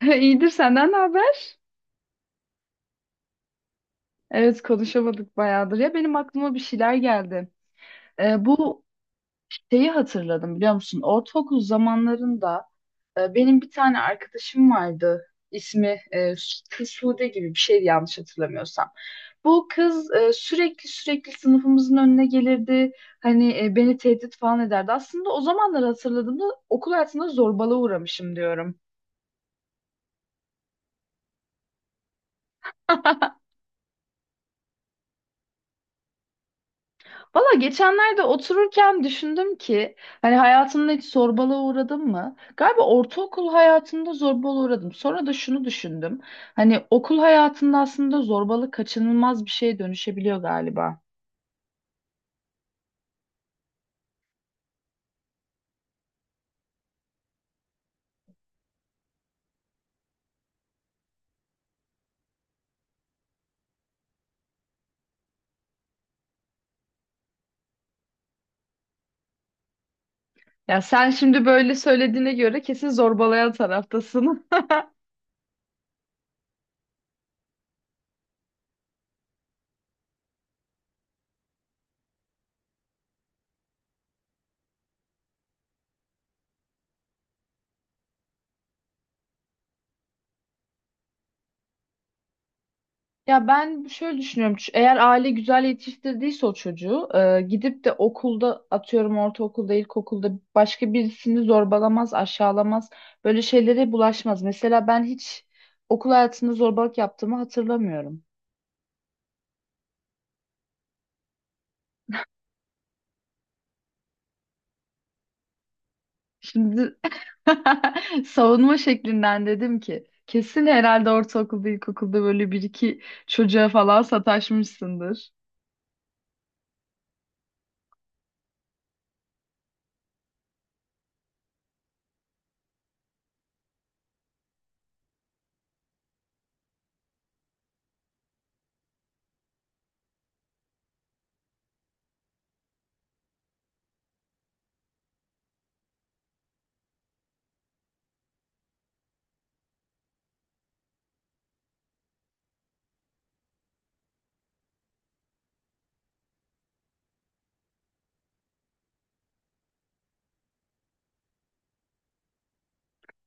İyidir, senden ne haber? Evet, konuşamadık bayağıdır. Ya benim aklıma bir şeyler geldi. Bu şeyi hatırladım, biliyor musun? Ortaokul zamanlarında benim bir tane arkadaşım vardı. İsmi Sude gibi bir şeydi, yanlış hatırlamıyorsam. Bu kız sürekli sürekli sınıfımızın önüne gelirdi. Hani beni tehdit falan ederdi. Aslında o zamanları hatırladığımda okul hayatında zorbalığa uğramışım diyorum. Valla geçenlerde otururken düşündüm ki hani hayatımda hiç zorbalığa uğradım mı? Galiba ortaokul hayatımda zorbalığa uğradım. Sonra da şunu düşündüm. Hani okul hayatında aslında zorbalık kaçınılmaz bir şeye dönüşebiliyor galiba. Ya sen şimdi böyle söylediğine göre kesin zorbalayan taraftasın. Ya ben şöyle düşünüyorum. Eğer aile güzel yetiştirdiyse o çocuğu, gidip de okulda, atıyorum, ortaokulda, ilkokulda başka birisini zorbalamaz, aşağılamaz. Böyle şeylere bulaşmaz. Mesela ben hiç okul hayatında zorbalık yaptığımı hatırlamıyorum. Şimdi savunma şeklinden dedim ki kesin herhalde ortaokulda, ilkokulda böyle bir iki çocuğa falan sataşmışsındır.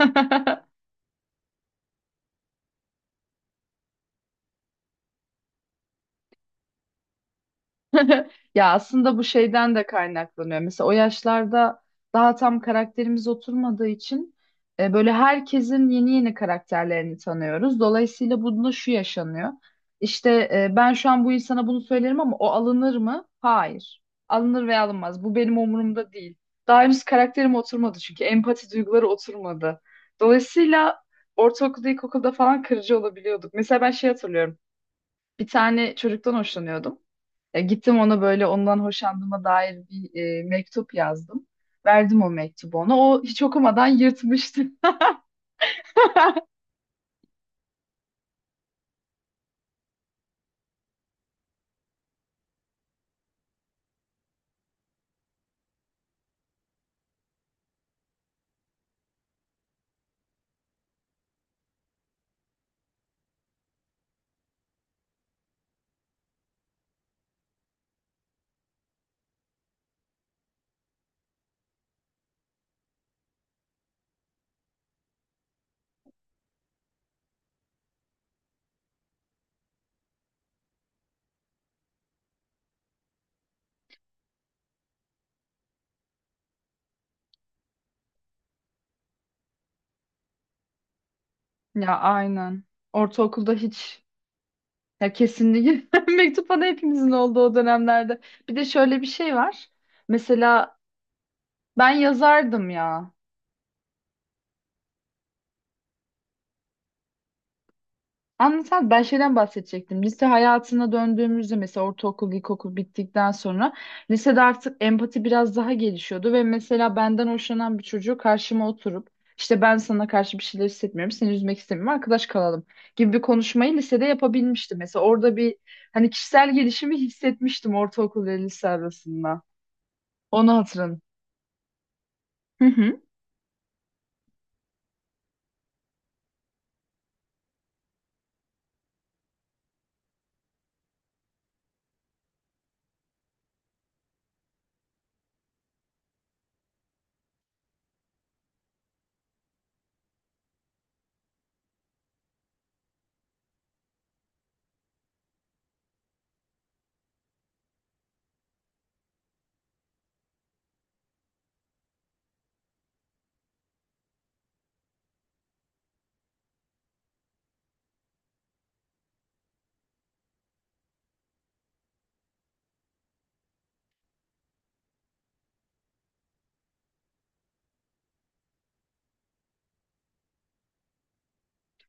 Ya aslında bu şeyden de kaynaklanıyor. Mesela o yaşlarda daha tam karakterimiz oturmadığı için böyle herkesin yeni yeni karakterlerini tanıyoruz. Dolayısıyla bunda şu yaşanıyor. İşte ben şu an bu insana bunu söylerim ama o alınır mı? Hayır. Alınır veya alınmaz. Bu benim umurumda değil. Daha henüz karakterim oturmadı çünkü empati duyguları oturmadı. Dolayısıyla ortaokulda, ilkokulda falan kırıcı olabiliyorduk. Mesela ben şey hatırlıyorum. Bir tane çocuktan hoşlanıyordum. Ya gittim ona böyle, ondan hoşlandığıma dair bir mektup yazdım. Verdim o mektubu ona. O hiç okumadan yırtmıştı. Ya aynen. Ortaokulda hiç, ya kesinlikle mektup bana, hepimizin olduğu o dönemlerde. Bir de şöyle bir şey var. Mesela ben yazardım ya. Anlatan ben şeyden bahsedecektim. Lise hayatına döndüğümüzde, mesela ortaokul, ilkokul bittikten sonra lisede artık empati biraz daha gelişiyordu ve mesela benden hoşlanan bir çocuğu karşıma oturup işte ben sana karşı bir şeyler hissetmiyorum, seni üzmek istemiyorum, arkadaş kalalım gibi bir konuşmayı lisede yapabilmiştim. Mesela orada bir hani kişisel gelişimi hissetmiştim ortaokul ve lise arasında. Onu hatırladım. Hı hı.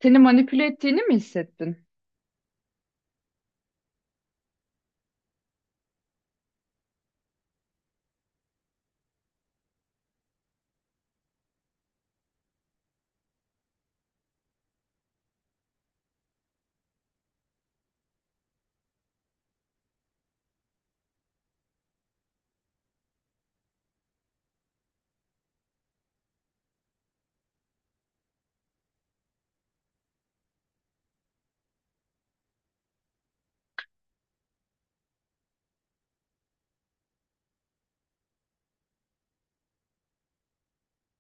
Seni manipüle ettiğini mi hissettin?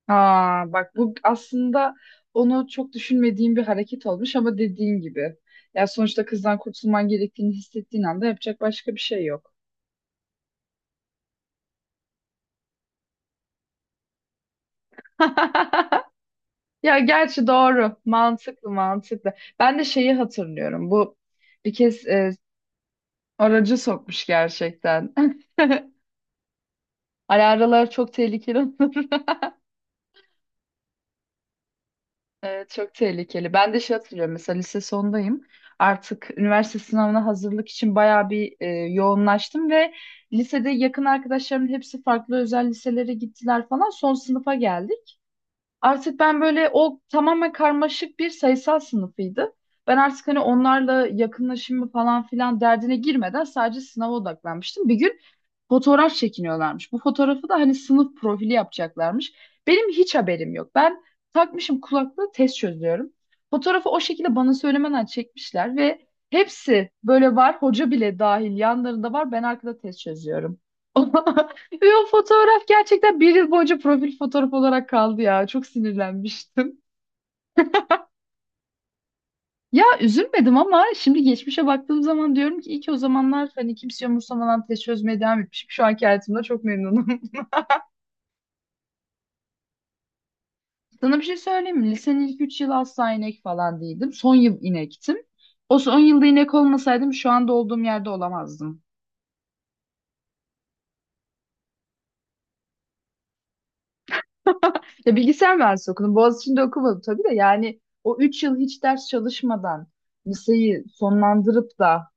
Aa, bak, bu aslında onu çok düşünmediğim bir hareket olmuş ama dediğin gibi. Ya sonuçta kızdan kurtulman gerektiğini hissettiğin anda yapacak başka bir şey yok. Ya gerçi doğru. Mantıklı, mantıklı. Ben de şeyi hatırlıyorum. Bu bir kez aracı sokmuş gerçekten. Alaralar çok tehlikeli. Evet, çok tehlikeli. Ben de şey hatırlıyorum, mesela lise sondayım. Artık üniversite sınavına hazırlık için bayağı bir yoğunlaştım ve lisede yakın arkadaşlarımın hepsi farklı özel liselere gittiler falan. Son sınıfa geldik. Artık ben böyle, o tamamen karmaşık bir sayısal sınıfıydı. Ben artık hani onlarla yakınlaşımı falan filan derdine girmeden sadece sınava odaklanmıştım. Bir gün fotoğraf çekiniyorlarmış. Bu fotoğrafı da hani sınıf profili yapacaklarmış. Benim hiç haberim yok. Ben takmışım kulaklığı, test çözüyorum. Fotoğrafı o şekilde bana söylemeden çekmişler ve hepsi böyle var. Hoca bile dahil yanlarında var. Ben arkada test çözüyorum. Ve o fotoğraf gerçekten bir yıl boyunca profil fotoğraf olarak kaldı ya. Çok sinirlenmiştim. Ya üzülmedim ama şimdi geçmişe baktığım zaman diyorum ki iyi ki o zamanlar hani kimse umursamadan test çözmeye devam etmişim. Şu anki hayatımda çok memnunum. Sana bir şey söyleyeyim mi? Lisenin ilk 3 yılı asla inek falan değildim. Son yıl inektim. O son yılda inek olmasaydım şu anda olduğum yerde olamazdım. Ya bilgisayar mühendisliği okudum. Boğaziçi'nde okumadım tabii de, yani o 3 yıl hiç ders çalışmadan liseyi sonlandırıp da,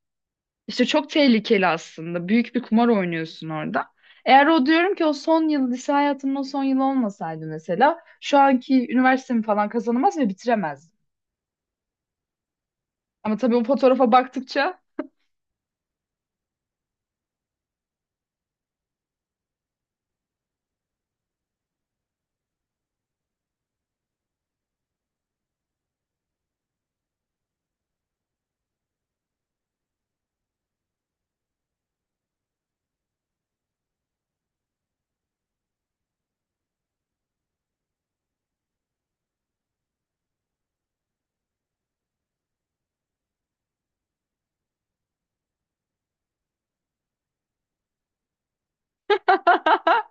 İşte çok tehlikeli aslında. Büyük bir kumar oynuyorsun orada. Eğer o, diyorum ki, o son yıl, lise hayatımın o son yılı olmasaydı mesela şu anki üniversitemi falan kazanamaz ve bitiremezdim. Ama tabii o fotoğrafa baktıkça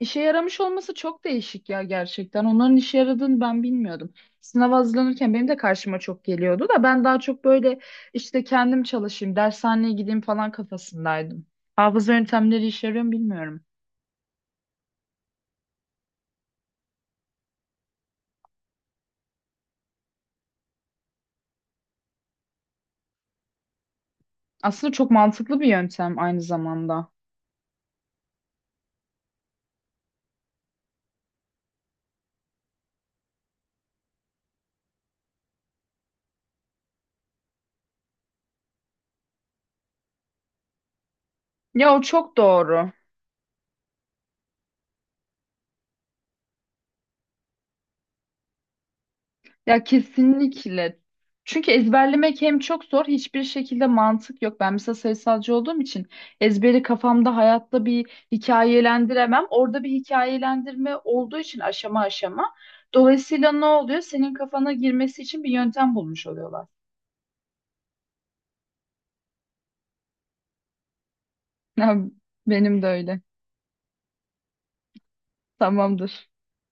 işe yaramış olması çok değişik ya gerçekten. Onların işe yaradığını ben bilmiyordum. Sınava hazırlanırken benim de karşıma çok geliyordu da ben daha çok böyle işte kendim çalışayım, dershaneye gideyim falan kafasındaydım. Hafıza yöntemleri işe yarıyor mu bilmiyorum. Aslında çok mantıklı bir yöntem aynı zamanda. Ya o çok doğru. Ya kesinlikle. Çünkü ezberlemek hem çok zor, hiçbir şekilde mantık yok. Ben mesela sayısalcı olduğum için ezberi kafamda hayatta bir hikayelendiremem. Orada bir hikayelendirme olduğu için aşama aşama. Dolayısıyla ne oluyor? Senin kafana girmesi için bir yöntem bulmuş oluyorlar. Ya, benim de öyle. Tamamdır.